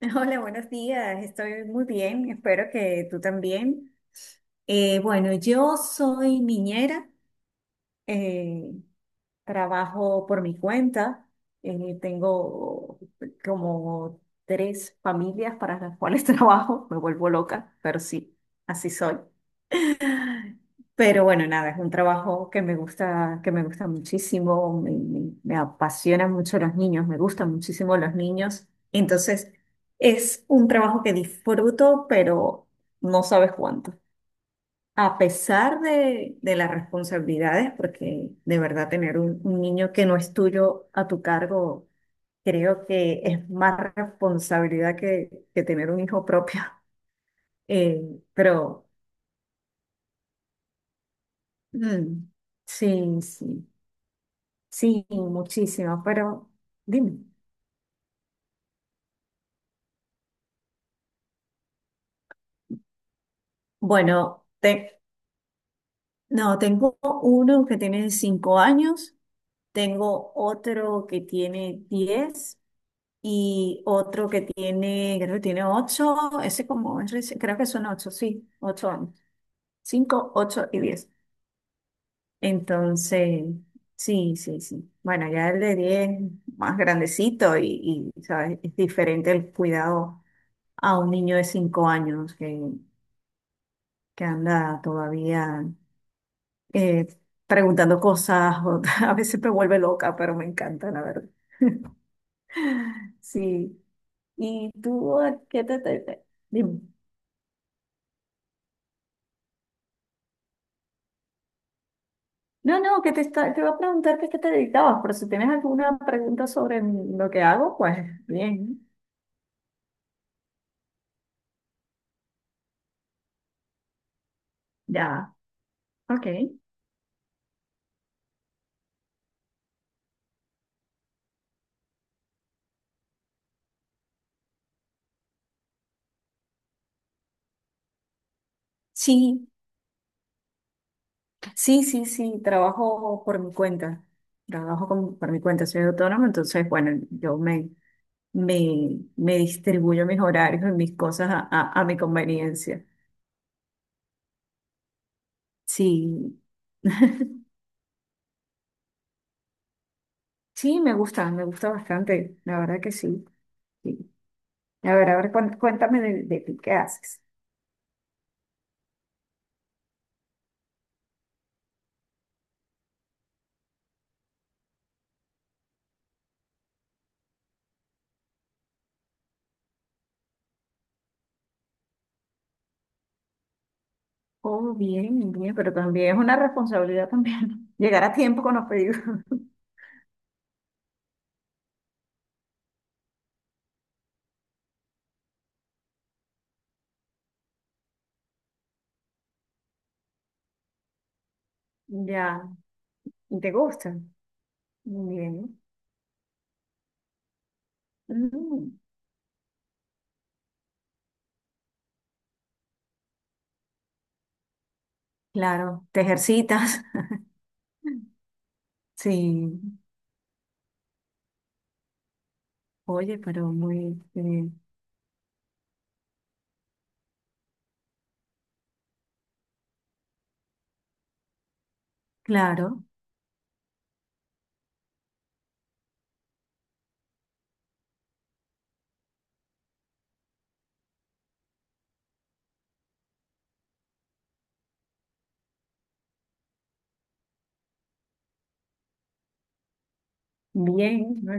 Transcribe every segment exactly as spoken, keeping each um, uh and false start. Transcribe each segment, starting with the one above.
Hola, buenos días. Estoy muy bien. Espero que tú también. Eh, bueno, yo soy niñera. eh, Trabajo por mi cuenta. Eh, tengo como tres familias para las cuales trabajo. Me vuelvo loca, pero sí, así soy. Pero bueno, nada, es un trabajo que me gusta, que me gusta muchísimo. Me, me- me apasionan mucho los niños, me gustan muchísimo los niños. Entonces, es un trabajo que disfruto, pero no sabes cuánto. A pesar de, de las responsabilidades, porque de verdad tener un, un niño que no es tuyo a tu cargo, creo que es más responsabilidad que, que tener un hijo propio. Eh, pero, mm. Sí, sí. Sí, muchísimo, pero dime. Bueno, te- no, tengo uno que tiene cinco años, tengo otro que tiene diez y otro que tiene, creo que tiene ocho, ese como, es reci- creo que son ocho, sí, ocho años. Cinco, ocho y diez. Entonces, sí, sí, sí. Bueno, ya el de diez, más grandecito y, y, ¿sabes? Es diferente el cuidado a un niño de cinco años que que anda todavía, eh, preguntando cosas, o- a veces me vuelve loca, pero me encanta, la verdad. Sí. ¿Y tú a qué te, te- te- dime? No, no, que te, está, te iba a preguntar que a qué te dedicabas, pero si tienes alguna pregunta sobre m- lo que hago, pues bien, ya, ok. Sí, sí, sí, sí, trabajo por mi cuenta, trabajo con- por mi cuenta, soy autónoma. Entonces, bueno, yo me, me, me distribuyo mis horarios y mis cosas a, a a mi conveniencia. Sí, sí, me gusta, me gusta bastante, la verdad que sí. Sí. A ver, a ver, cuén- cuéntame de, de ti, ¿qué haces? Oh, bien, bien, pero también es una responsabilidad también llegar a tiempo con los pedidos. Ya, ¿y te gusta? Bien. Mm, claro, te ejercitas. Sí, oye, pero muy, eh, claro, bien, ¿no?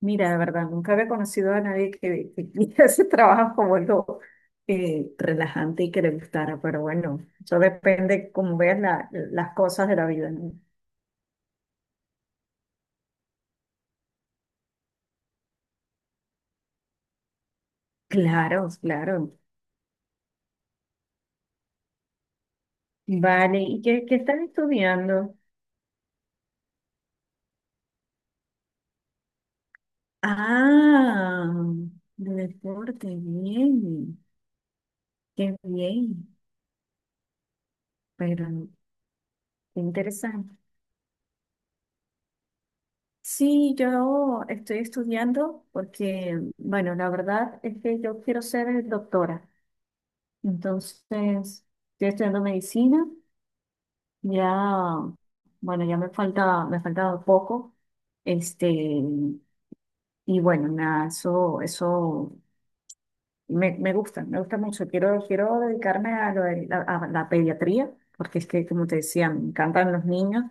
Mira, de verdad, nunca había conocido a nadie que, que hiciera ese trabajo como algo eh, relajante y que le gustara, pero bueno, eso depende cómo veas la- las cosas de la vida, ¿no? Claro, claro. Vale, ¿y qué, qué estás estudiando? Ah, de deporte, bien, qué bien, pero qué interesante. Sí, yo estoy estudiando porque, bueno, la verdad es que yo quiero ser doctora. Entonces, estoy estudiando medicina, ya. Bueno, ya me falta, me falta poco, este, y bueno, nada, eso, eso me, me gusta, me gusta mucho. Quiero, quiero dedicarme a, lo de la, a la pediatría, porque es que, como te decía, me encantan los niños.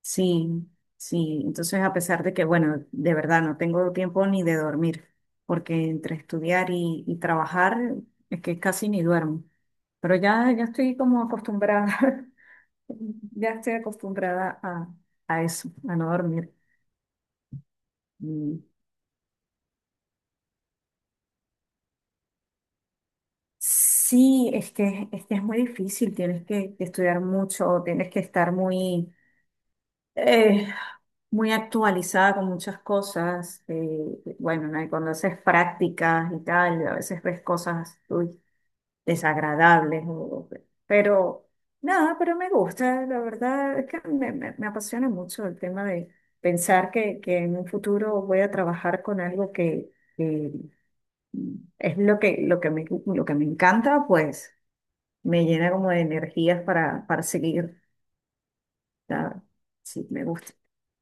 Sí, sí. Entonces, a pesar de que, bueno, de verdad no tengo tiempo ni de dormir, porque entre estudiar y, y trabajar es que casi ni duermo. Pero ya, ya estoy como acostumbrada, ya estoy acostumbrada a, a eso, a no dormir. Mm. Sí, es que, es que es muy difícil, tienes que, que estudiar mucho, tienes que estar muy, eh, muy actualizada con muchas cosas. Eh, bueno, ¿no? Y cuando haces prácticas y tal, a veces ves cosas, uy, desagradables. O- pero nada, pero me gusta. La verdad es que me, me- me apasiona mucho el tema de pensar que, que en un futuro voy a trabajar con algo que, que es lo que, lo que me, lo que me encanta, pues me llena como de energías para, para seguir. ¿Sabes? Sí, me gusta.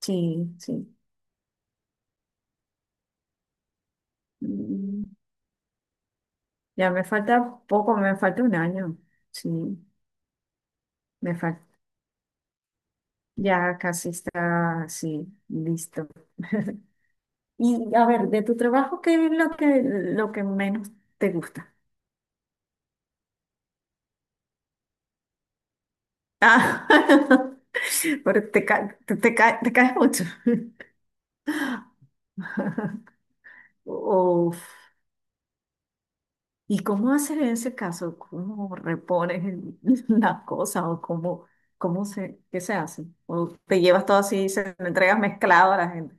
Sí, sí. Mm. Ya me falta poco, me falta un año. Sí, me falta. Ya casi está, sí, listo. Y a ver, de tu trabajo, ¿qué es lo que, lo que menos te gusta? Ah, pero te, ca- te, te ca- te caes mucho. Uf. ¿Y cómo haces en ese caso? ¿Cómo repones el- las cosas o cómo, cómo se, qué se hace? ¿O te llevas todo así y se lo entregas mezclado a la gente?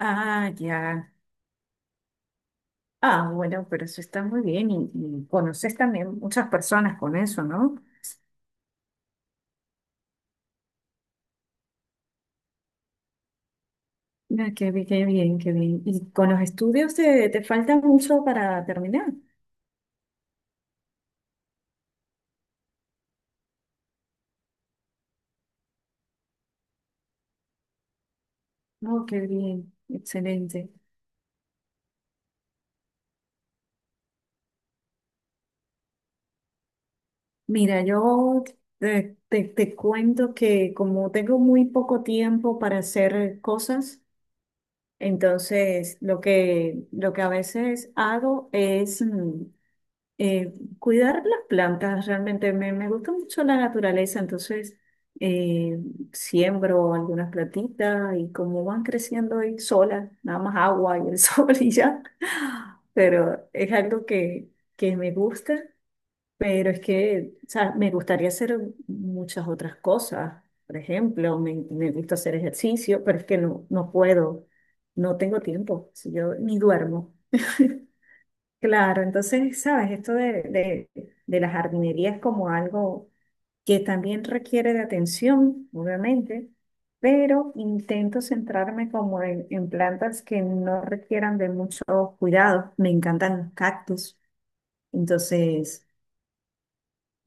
Ah, ya. Ah, bueno, pero eso está muy bien y, y conoces también muchas personas con eso, ¿no? Ah, qué bien, qué bien, qué bien. ¿Y con los estudios te, te falta mucho para terminar? No, qué bien, excelente. Mira, yo te, te- te cuento que como tengo muy poco tiempo para hacer cosas, entonces lo que, lo que a veces hago es mm, eh, cuidar las plantas. Realmente me, me gusta mucho la naturaleza, entonces eh, siembro algunas plantitas y como van creciendo ahí solas, nada más agua y el sol y ya, pero es algo que, que me gusta, pero es que, o sea, me gustaría hacer muchas otras cosas, por ejemplo, me, me gusta hacer ejercicio, pero es que no, no puedo, no tengo tiempo, si yo ni duermo. Claro. Entonces, sabes, esto de, de, de la jardinería es como algo que también requiere de atención, obviamente, pero intento centrarme como en, en plantas que no requieran de mucho cuidado. Me encantan los cactus. Entonces,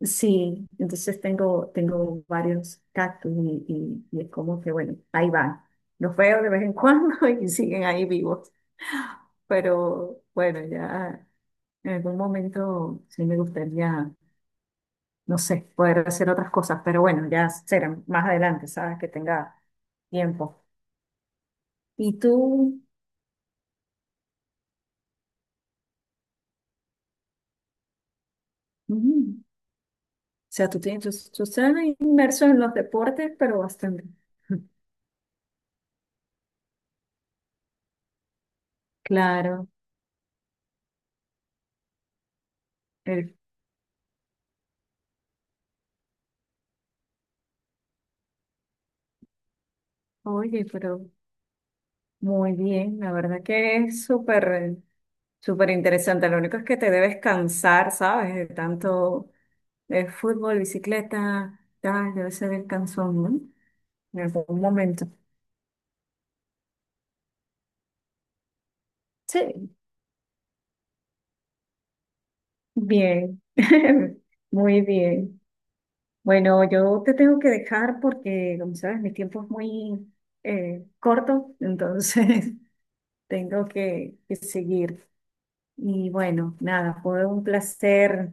sí, entonces tengo, tengo varios cactus y, y, y es como que, bueno, ahí van. Los veo de vez en cuando y siguen ahí vivos, pero bueno, ya. En algún momento sí me gustaría, no sé, poder hacer otras cosas, pero bueno, ya será más adelante, ¿sabes? Que tenga tiempo. Y tú, mm, o sea, tú tienes, tú, tú estás inmerso en los deportes, pero bastante. Claro, el, oye, pero muy bien, la verdad que es súper, súper interesante. Lo único es que te debes cansar, ¿sabes? De tanto, de fútbol, bicicleta, tal, debe ser el cansón, ¿no? En algún momento. Sí. Bien, muy bien. Bueno, yo te tengo que dejar porque, como sabes, mi tiempo es muy, eh, corto, entonces tengo que, que seguir. Y bueno, nada, fue un placer,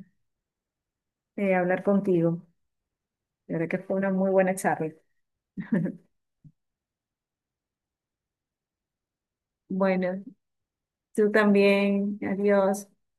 eh, hablar contigo. La verdad que fue una muy buena charla. Bueno, tú también. Adiós.